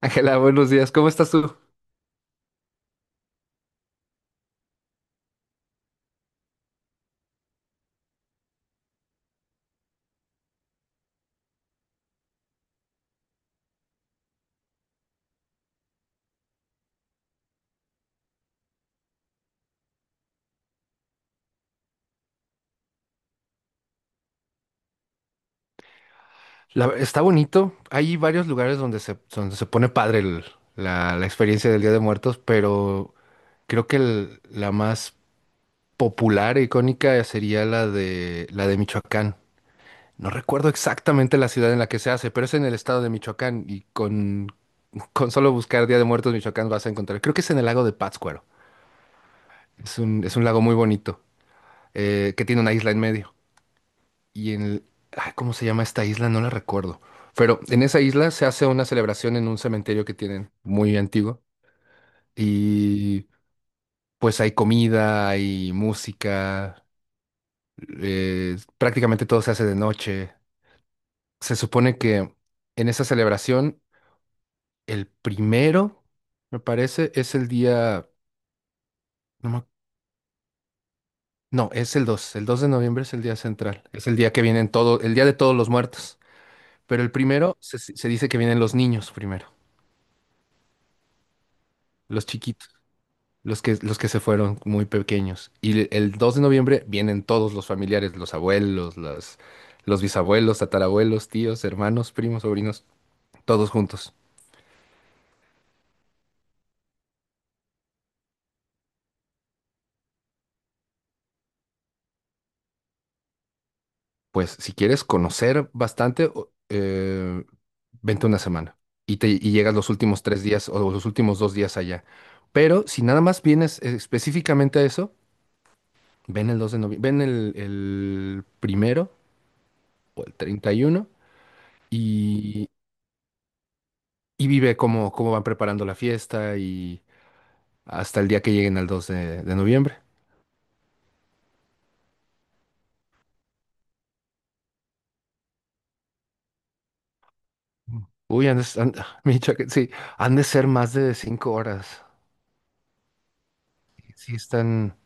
Ángela, buenos días. ¿Cómo estás tú? Está bonito. Hay varios lugares donde se pone padre la experiencia del Día de Muertos, pero creo que la más popular e icónica sería la de Michoacán. No recuerdo exactamente la ciudad en la que se hace, pero es en el estado de Michoacán y con solo buscar Día de Muertos Michoacán vas a encontrar. Creo que es en el lago de Pátzcuaro. Es un lago muy bonito, que tiene una isla en medio. y en el- Ay, ¿cómo se llama esta isla? No la recuerdo. Pero en esa isla se hace una celebración en un cementerio que tienen muy antiguo y pues hay comida, hay música, prácticamente todo se hace de noche. Se supone que en esa celebración el primero, me parece, es el día, no, no, es el dos de noviembre es el día central, es el día que vienen todo, el día de todos los muertos. Pero el primero se dice que vienen los niños primero, los chiquitos. Los que se fueron muy pequeños. Y el 2 de noviembre vienen todos los familiares, los abuelos, los bisabuelos, tatarabuelos, tíos, hermanos, primos, sobrinos, todos juntos. Pues si quieres conocer bastante, vente una semana y llegas los últimos tres días o los últimos dos días allá. Pero si nada más vienes específicamente a eso, ven el 2 de noviembre, ven el primero o el 31 y, y vive cómo van preparando la fiesta y... hasta el día que lleguen al 2 de noviembre. Uy, han de s- han- Michoacán, sí, han de ser más de 5 horas. Sí, están.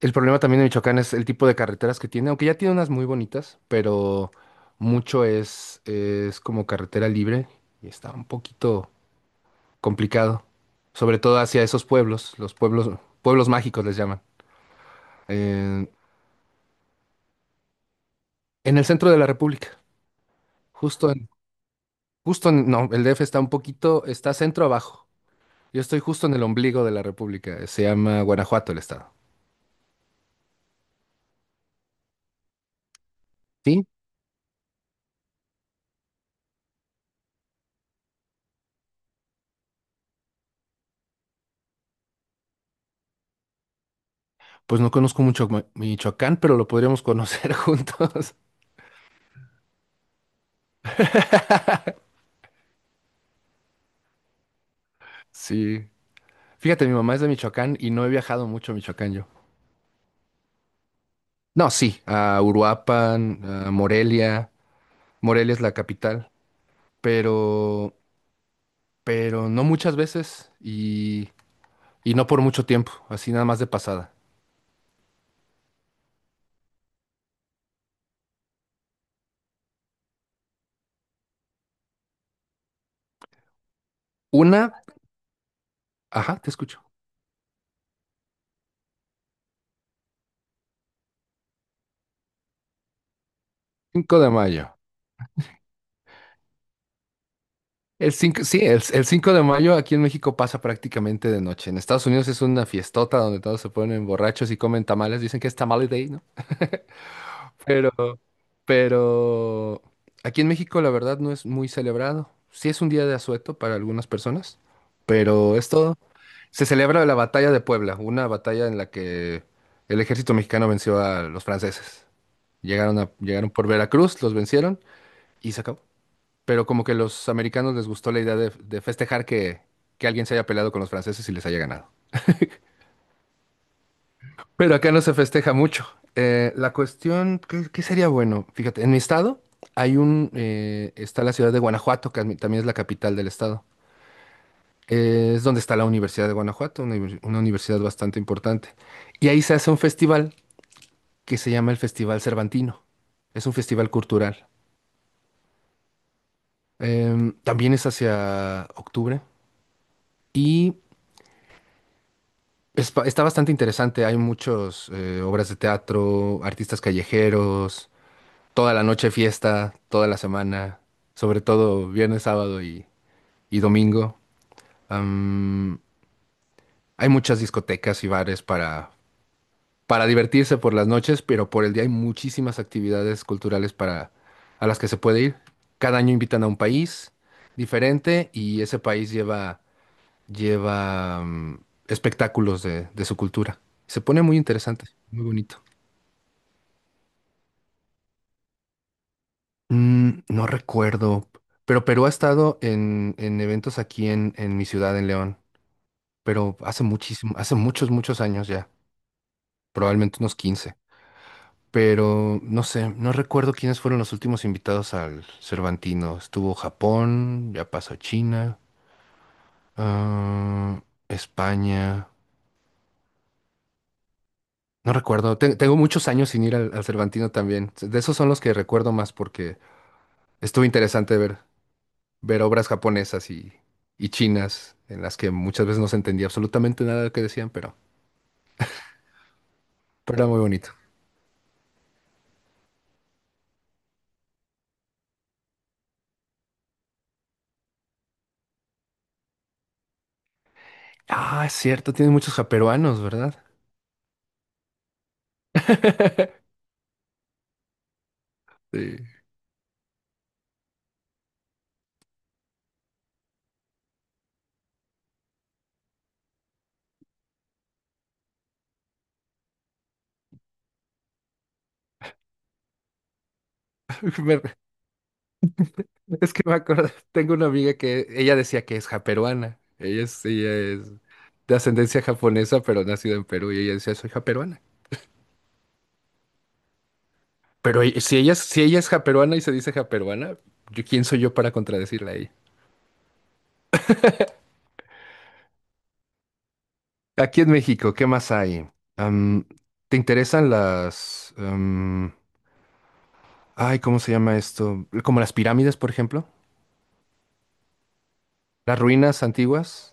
El problema también de Michoacán es el tipo de carreteras que tiene, aunque ya tiene unas muy bonitas, pero mucho es como carretera libre y está un poquito complicado, sobre todo hacia esos pueblos, los pueblos, pueblos mágicos les llaman, en el centro de la República, justo en, no, el DF está un poquito, está centro abajo. Yo estoy justo en el ombligo de la República. Se llama Guanajuato el estado. Sí, pues no conozco mucho Michoacán, pero lo podríamos conocer juntos. Sí. Fíjate, mi mamá es de Michoacán y no he viajado mucho a Michoacán yo. No, sí, a Uruapan, a Morelia. Morelia es la capital, pero, no muchas veces y no por mucho tiempo, así nada más de pasada. Una, ajá, te escucho. Cinco de mayo. El 5 sí, el 5 de mayo aquí en México pasa prácticamente de noche. En Estados Unidos es una fiestota donde todos se ponen borrachos y comen tamales. Dicen que es Tamale Day, ¿no? Pero, pero aquí en México la verdad no es muy celebrado. Sí es un día de asueto para algunas personas, pero es todo. Se celebra la batalla de Puebla, una batalla en la que el ejército mexicano venció a los franceses. Llegaron por Veracruz, los vencieron y se acabó, pero como que los americanos les gustó la idea de festejar que, alguien se haya peleado con los franceses y les haya ganado. Pero acá no se festeja mucho. La cuestión, ¿qué, sería bueno? Fíjate, en mi estado está la ciudad de Guanajuato, que también es la capital del estado. Es donde está la Universidad de Guanajuato, una universidad bastante importante. Y ahí se hace un festival que se llama el Festival Cervantino. Es un festival cultural. También es hacia octubre. Y está bastante interesante, hay muchas obras de teatro, artistas callejeros, toda la noche fiesta, toda la semana, sobre todo viernes, sábado y domingo. Am, Hay muchas discotecas y bares para divertirse por las noches, pero por el día hay muchísimas actividades culturales a las que se puede ir. Cada año invitan a un país diferente y ese país lleva espectáculos de su cultura. Se pone muy interesante, muy bonito. No recuerdo, pero Perú ha estado en eventos aquí en mi ciudad, en León, pero hace muchísimo, hace muchos años ya, probablemente unos 15. Pero no sé, no recuerdo quiénes fueron los últimos invitados al Cervantino. Estuvo Japón, ya pasó China, ah, España. No recuerdo, tengo muchos años sin ir al Cervantino también. De esos son los que recuerdo más porque estuvo interesante ver, obras japonesas y chinas en las que muchas veces no se entendía absolutamente nada de lo que decían, pero, era muy bonito. Ah, es cierto, tiene muchos japeruanos, ¿verdad? Sí. Me- Es que me acuerdo, tengo una amiga que ella decía que es japeruana. Ella es de ascendencia japonesa, pero nacida en Perú y ella decía, soy japeruana. Pero si ella es japeruana y se dice japeruana, yo, ¿quién soy yo para contradecirla a ella? Aquí en México, ¿qué más hay? Am, ¿Te interesan las... ay, ¿cómo se llama esto? Como las pirámides, por ejemplo. Las ruinas antiguas.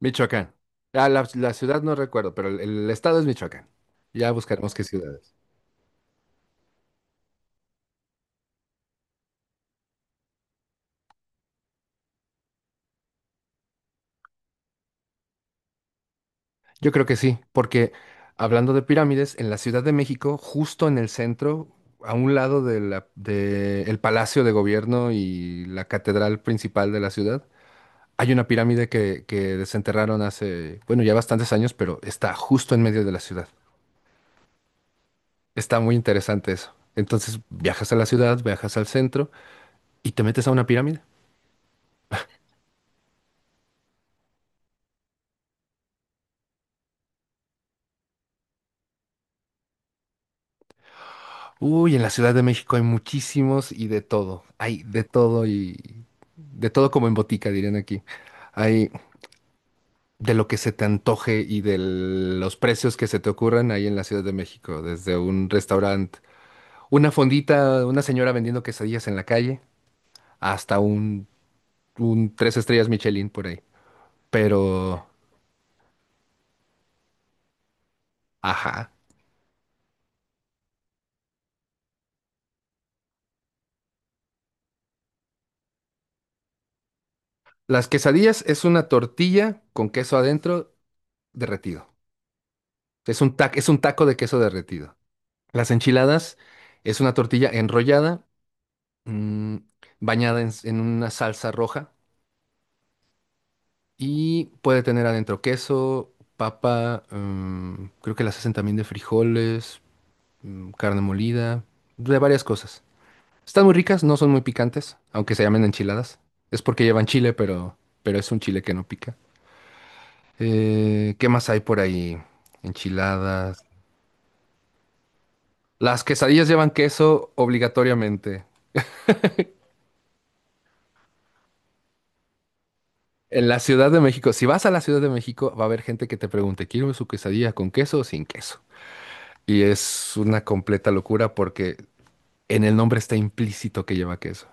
Michoacán. Ah, la ciudad no recuerdo, pero el estado es Michoacán. Ya buscaremos qué ciudades. Yo creo que sí, porque hablando de pirámides, en la Ciudad de México, justo en el centro, a un lado de el Palacio de Gobierno y la catedral principal de la ciudad, hay una pirámide que desenterraron hace, bueno, ya bastantes años, pero está justo en medio de la ciudad. Está muy interesante eso. Entonces viajas a la ciudad, viajas al centro y te metes a una pirámide. Uy, en la Ciudad de México hay muchísimos y de todo. Hay de todo y de todo como en botica, dirían aquí. Hay de lo que se te antoje y de los precios que se te ocurran ahí en la Ciudad de México, desde un restaurante, una fondita, una señora vendiendo quesadillas en la calle, hasta un tres estrellas Michelin por ahí. Pero, ajá. Las quesadillas es una tortilla con queso adentro derretido. Es un taco de queso derretido. Las enchiladas es una tortilla enrollada, mm, bañada en una salsa roja. Y puede tener adentro queso, papa, creo que las hacen también de frijoles, carne molida, de varias cosas. Están muy ricas, no son muy picantes, aunque se llamen enchiladas. Es porque llevan chile, pero, es un chile que no pica. ¿Qué más hay por ahí? Enchiladas. Las quesadillas llevan queso obligatoriamente. En la Ciudad de México, si vas a la Ciudad de México, va a haber gente que te pregunte, ¿quiero su quesadilla con queso o sin queso? Y es una completa locura porque en el nombre está implícito que lleva queso.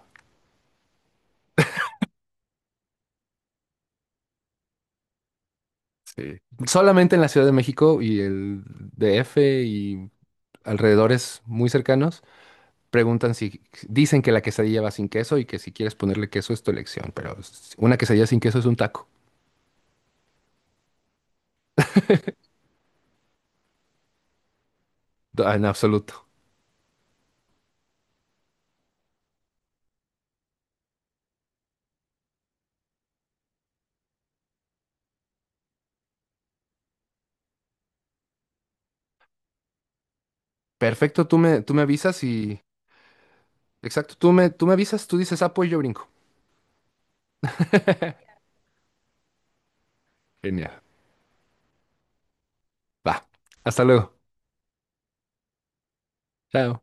Solamente en la Ciudad de México y el DF y alrededores muy cercanos preguntan si dicen que la quesadilla va sin queso y que si quieres ponerle queso es tu elección, pero una quesadilla sin queso es un taco, en absoluto. Perfecto, tú me avisas y... Exacto, tú me avisas, tú dices apoyo y yo brinco. Genial. Va. Hasta luego. Chao.